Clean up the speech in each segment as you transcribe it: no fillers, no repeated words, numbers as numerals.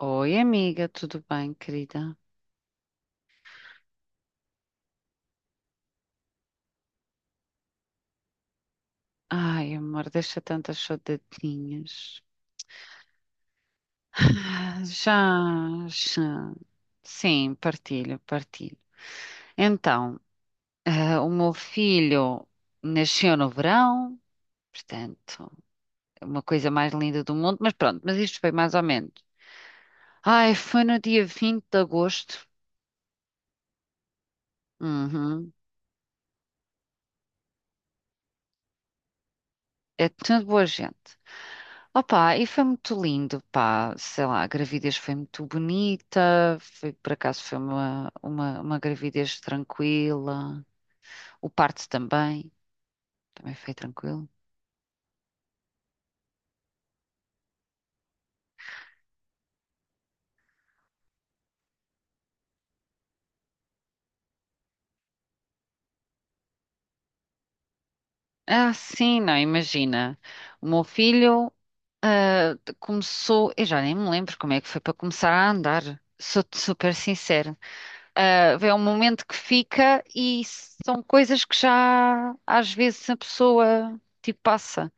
Oi, amiga, tudo bem, querida? Ai, amor, deixa tantas saudadinhas. Ah, já, já. Sim, partilho, partilho. Então, ah, o meu filho nasceu no verão. Portanto, é uma coisa mais linda do mundo, mas pronto, mas isto foi mais ou menos. Ai, foi no dia 20 de agosto. Uhum. É tudo boa gente. Opa, e foi muito lindo, pá, sei lá, a gravidez foi muito bonita, foi, por acaso foi uma gravidez tranquila, o parto também, também foi tranquilo. Ah, sim, não, imagina, o meu filho ah, começou. Eu já nem me lembro como é que foi para começar a andar, sou-te super sincera. Ah, é um momento que fica e são coisas que já às vezes a pessoa tipo passa.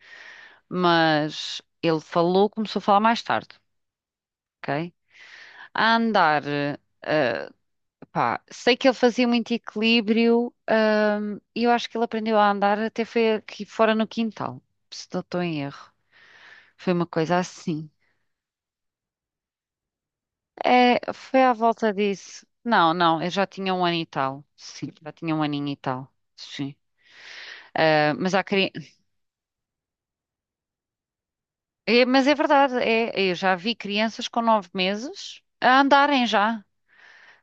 Mas ele falou, começou a falar mais tarde, ok? A andar, eh, pá, sei que ele fazia muito equilíbrio, e eu acho que ele aprendeu a andar até foi aqui fora no quintal, se não estou em erro. Foi uma coisa assim. É, foi à volta disso. Não, não, eu já tinha um ano e tal. Sim, já tinha um aninho e tal. Sim. Ah, mas há cri... É, mas é verdade, é, eu já vi crianças com 9 meses a andarem já.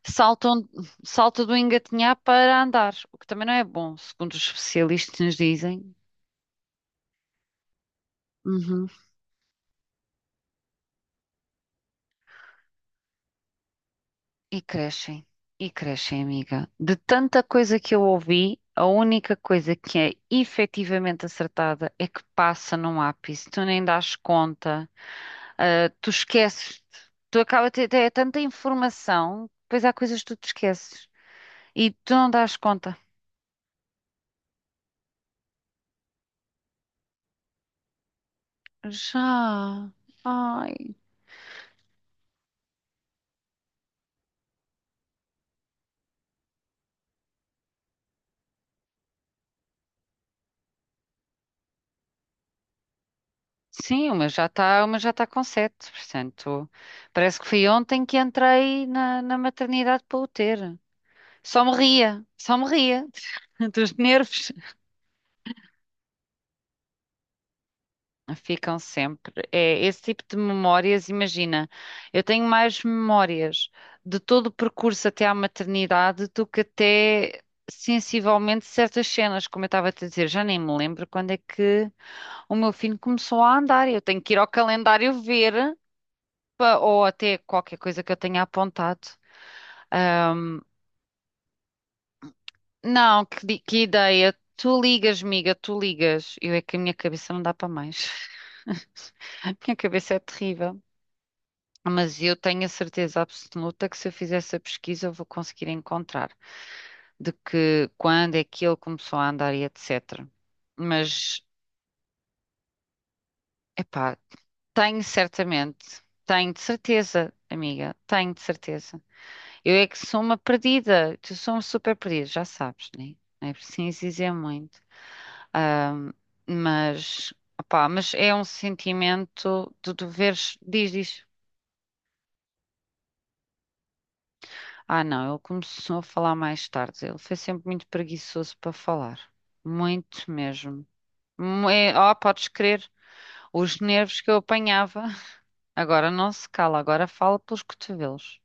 Saltam, salta do engatinhar para andar, o que também não é bom, segundo os especialistas nos dizem. Uhum. E crescem, e crescem, amiga. De tanta coisa que eu ouvi, a única coisa que é efetivamente acertada é que passa num ápice, tu nem dás conta, ah, tu esqueces, tu acaba de ter é tanta informação, depois há coisas que tu te esqueces e tu não dás conta. Já. Ai, sim, uma já está com sete. Portanto, parece que foi ontem que entrei na, na maternidade para o ter. Só me ria dos nervos. Ficam sempre. É esse tipo de memórias, imagina, eu tenho mais memórias de todo o percurso até à maternidade do que até sensivelmente certas cenas, como eu estava a te dizer, já nem me lembro quando é que o meu filho começou a andar. Eu tenho que ir ao calendário ver. Ou até qualquer coisa que eu tenha apontado. Ahm, não, que, que ideia. Tu ligas, miga, tu ligas. Eu é que a minha cabeça não dá para mais. A minha cabeça é terrível. Mas eu tenho a certeza absoluta que se eu fizer essa pesquisa eu vou conseguir encontrar de que quando é que ele começou a andar e etc. Mas, epá, tenho certamente, tenho de certeza, amiga, tenho de certeza. Eu é que sou uma perdida. Tu sou uma super perdida, já sabes, né? Não é preciso dizer muito. Ahm, mas, opá, mas é um sentimento de deveres. Diz, diz. Ah, não, ele começou a falar mais tarde. Ele foi sempre muito preguiçoso para falar. Muito mesmo. É, oh, podes crer, os nervos que eu apanhava. Agora não se cala, agora fala pelos cotovelos.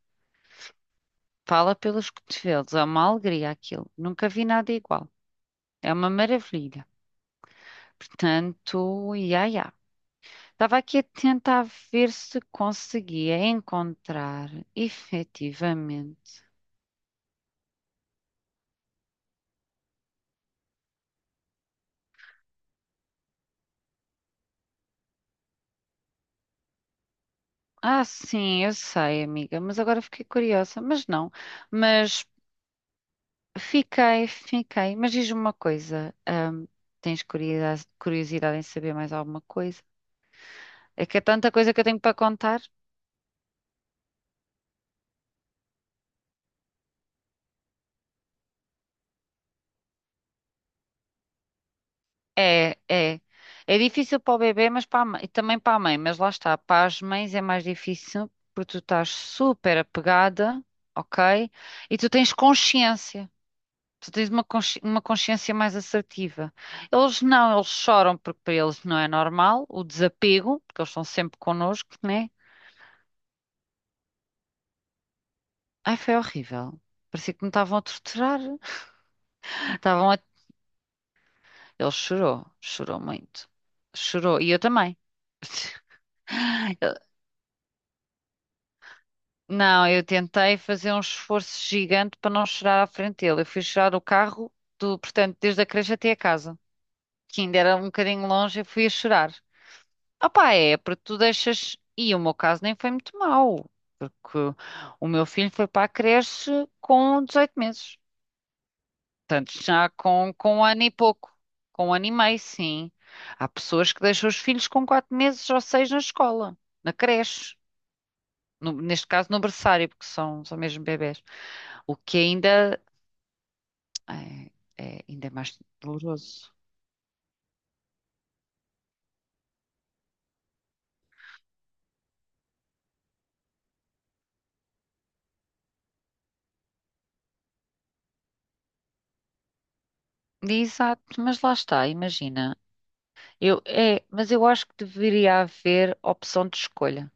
Fala pelos cotovelos, é uma alegria aquilo. Nunca vi nada igual. É uma maravilha. Portanto, ia, ia. Estava aqui a tentar ver se conseguia encontrar efetivamente. Ah, sim, eu sei, amiga, mas agora fiquei curiosa. Mas não, mas fiquei, fiquei. Mas diz-me uma coisa: tens curiosidade em saber mais alguma coisa? É que é tanta coisa que eu tenho para contar. É, é. É difícil para o bebê, mas para a mãe, e também para a mãe, mas lá está, para as mães é mais difícil porque tu estás super apegada, ok? E tu tens consciência, tu tens uma, uma consciência mais assertiva. Eles não, eles choram porque para eles não é normal, o desapego, porque eles estão sempre connosco, né? Ai, foi horrível. Parecia que me estavam a torturar. Estavam a... Ele chorou, chorou muito. Chorou, e eu também. Não, eu tentei fazer um esforço gigante para não chegar à frente dele. Eu fui chorar o carro do, portanto, desde a creche até a casa, que ainda era um bocadinho longe, eu fui a chorar. Opá, é, porque tu deixas. E o meu caso nem foi muito mau, porque o meu filho foi para a creche com 18 meses. Portanto, já com, um ano e pouco, com um ano e meio, sim. Há pessoas que deixam os filhos com 4 meses ou 6 na escola, na creche. Neste caso, no berçário, porque são, são mesmo bebés. O que ainda é, é ainda é mais doloroso. Exato, mas lá está, imagina. Eu, é, mas eu acho que deveria haver opção de escolha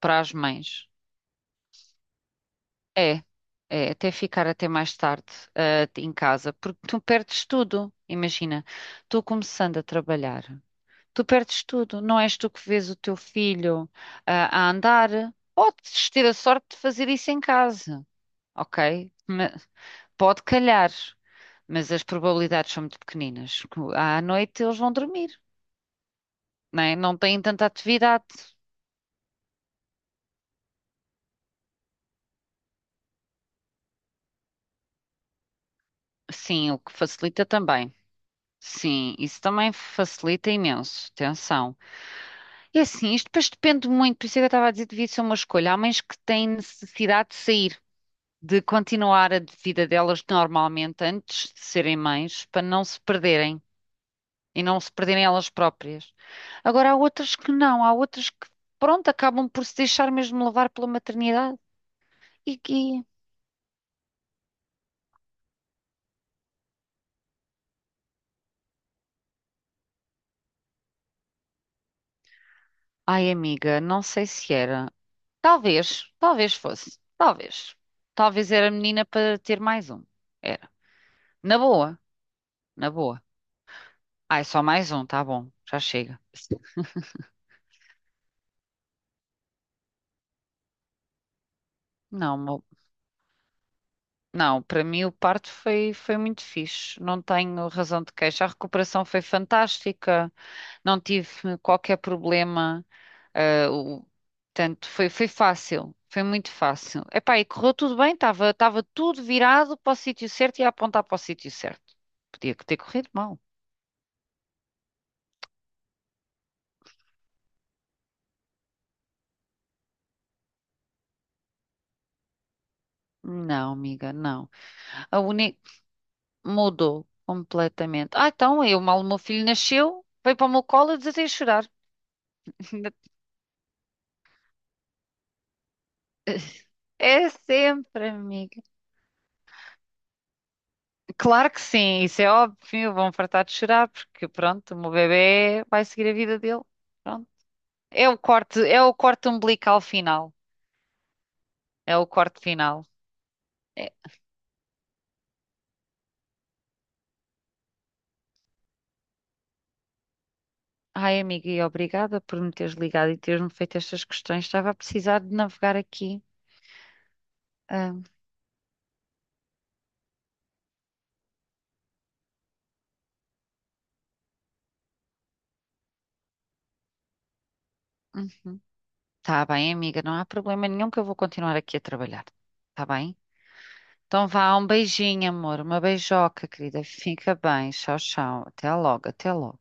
para as mães. É, é até ficar até mais tarde, ah, em casa, porque tu perdes tudo. Imagina, tu começando a trabalhar, tu perdes tudo. Não és tu que vês o teu filho, ah, a andar. Podes ter a sorte de fazer isso em casa. Ok? Pode calhar, mas as probabilidades são muito pequeninas. À noite eles vão dormir, né? Não têm tanta atividade. Sim, o que facilita também. Sim, isso também facilita imenso. Atenção. E assim, isto depois depende muito, por isso é que eu estava a dizer, devia ser uma escolha. Há mães que têm necessidade de sair, de continuar a vida delas normalmente antes de serem mães, para não se perderem. E não se perderem elas próprias. Agora, há outras que não, há outras que, pronto, acabam por se deixar mesmo levar pela maternidade e que. Ai, amiga, não sei se era. Talvez, talvez fosse, talvez. Talvez era menina para ter mais um. Era. Na boa, na boa. Ai, só mais um, tá bom, já chega. Não, não, para mim o parto foi, foi muito fixe. Não tenho razão de queixa. A recuperação foi fantástica. Não tive qualquer problema. ah, o- Portanto, foi, foi fácil, foi muito fácil. Epá, e correu tudo bem, estava tudo virado para o sítio certo e a apontar para o sítio certo. Podia ter corrido mal. Não, amiga, não. A uni mudou completamente. Ah, então, eu mal o meu filho nasceu, veio para o meu colo e desatei a chorar. É sempre, amiga. Claro que sim, isso é óbvio, vão fartar de chorar, porque pronto, o meu bebê vai seguir a vida dele. Pronto. É o corte umbilical final. É o corte final. É- Ai, amiga, e obrigada por me teres ligado e teres-me feito estas questões. Estava a precisar de navegar aqui. Ah, uhum. Tá bem, amiga, não há problema nenhum que eu vou continuar aqui a trabalhar. Tá bem? Então vá, um beijinho, amor, uma beijoca, querida. Fica bem. Tchau, tchau. Até logo, até logo.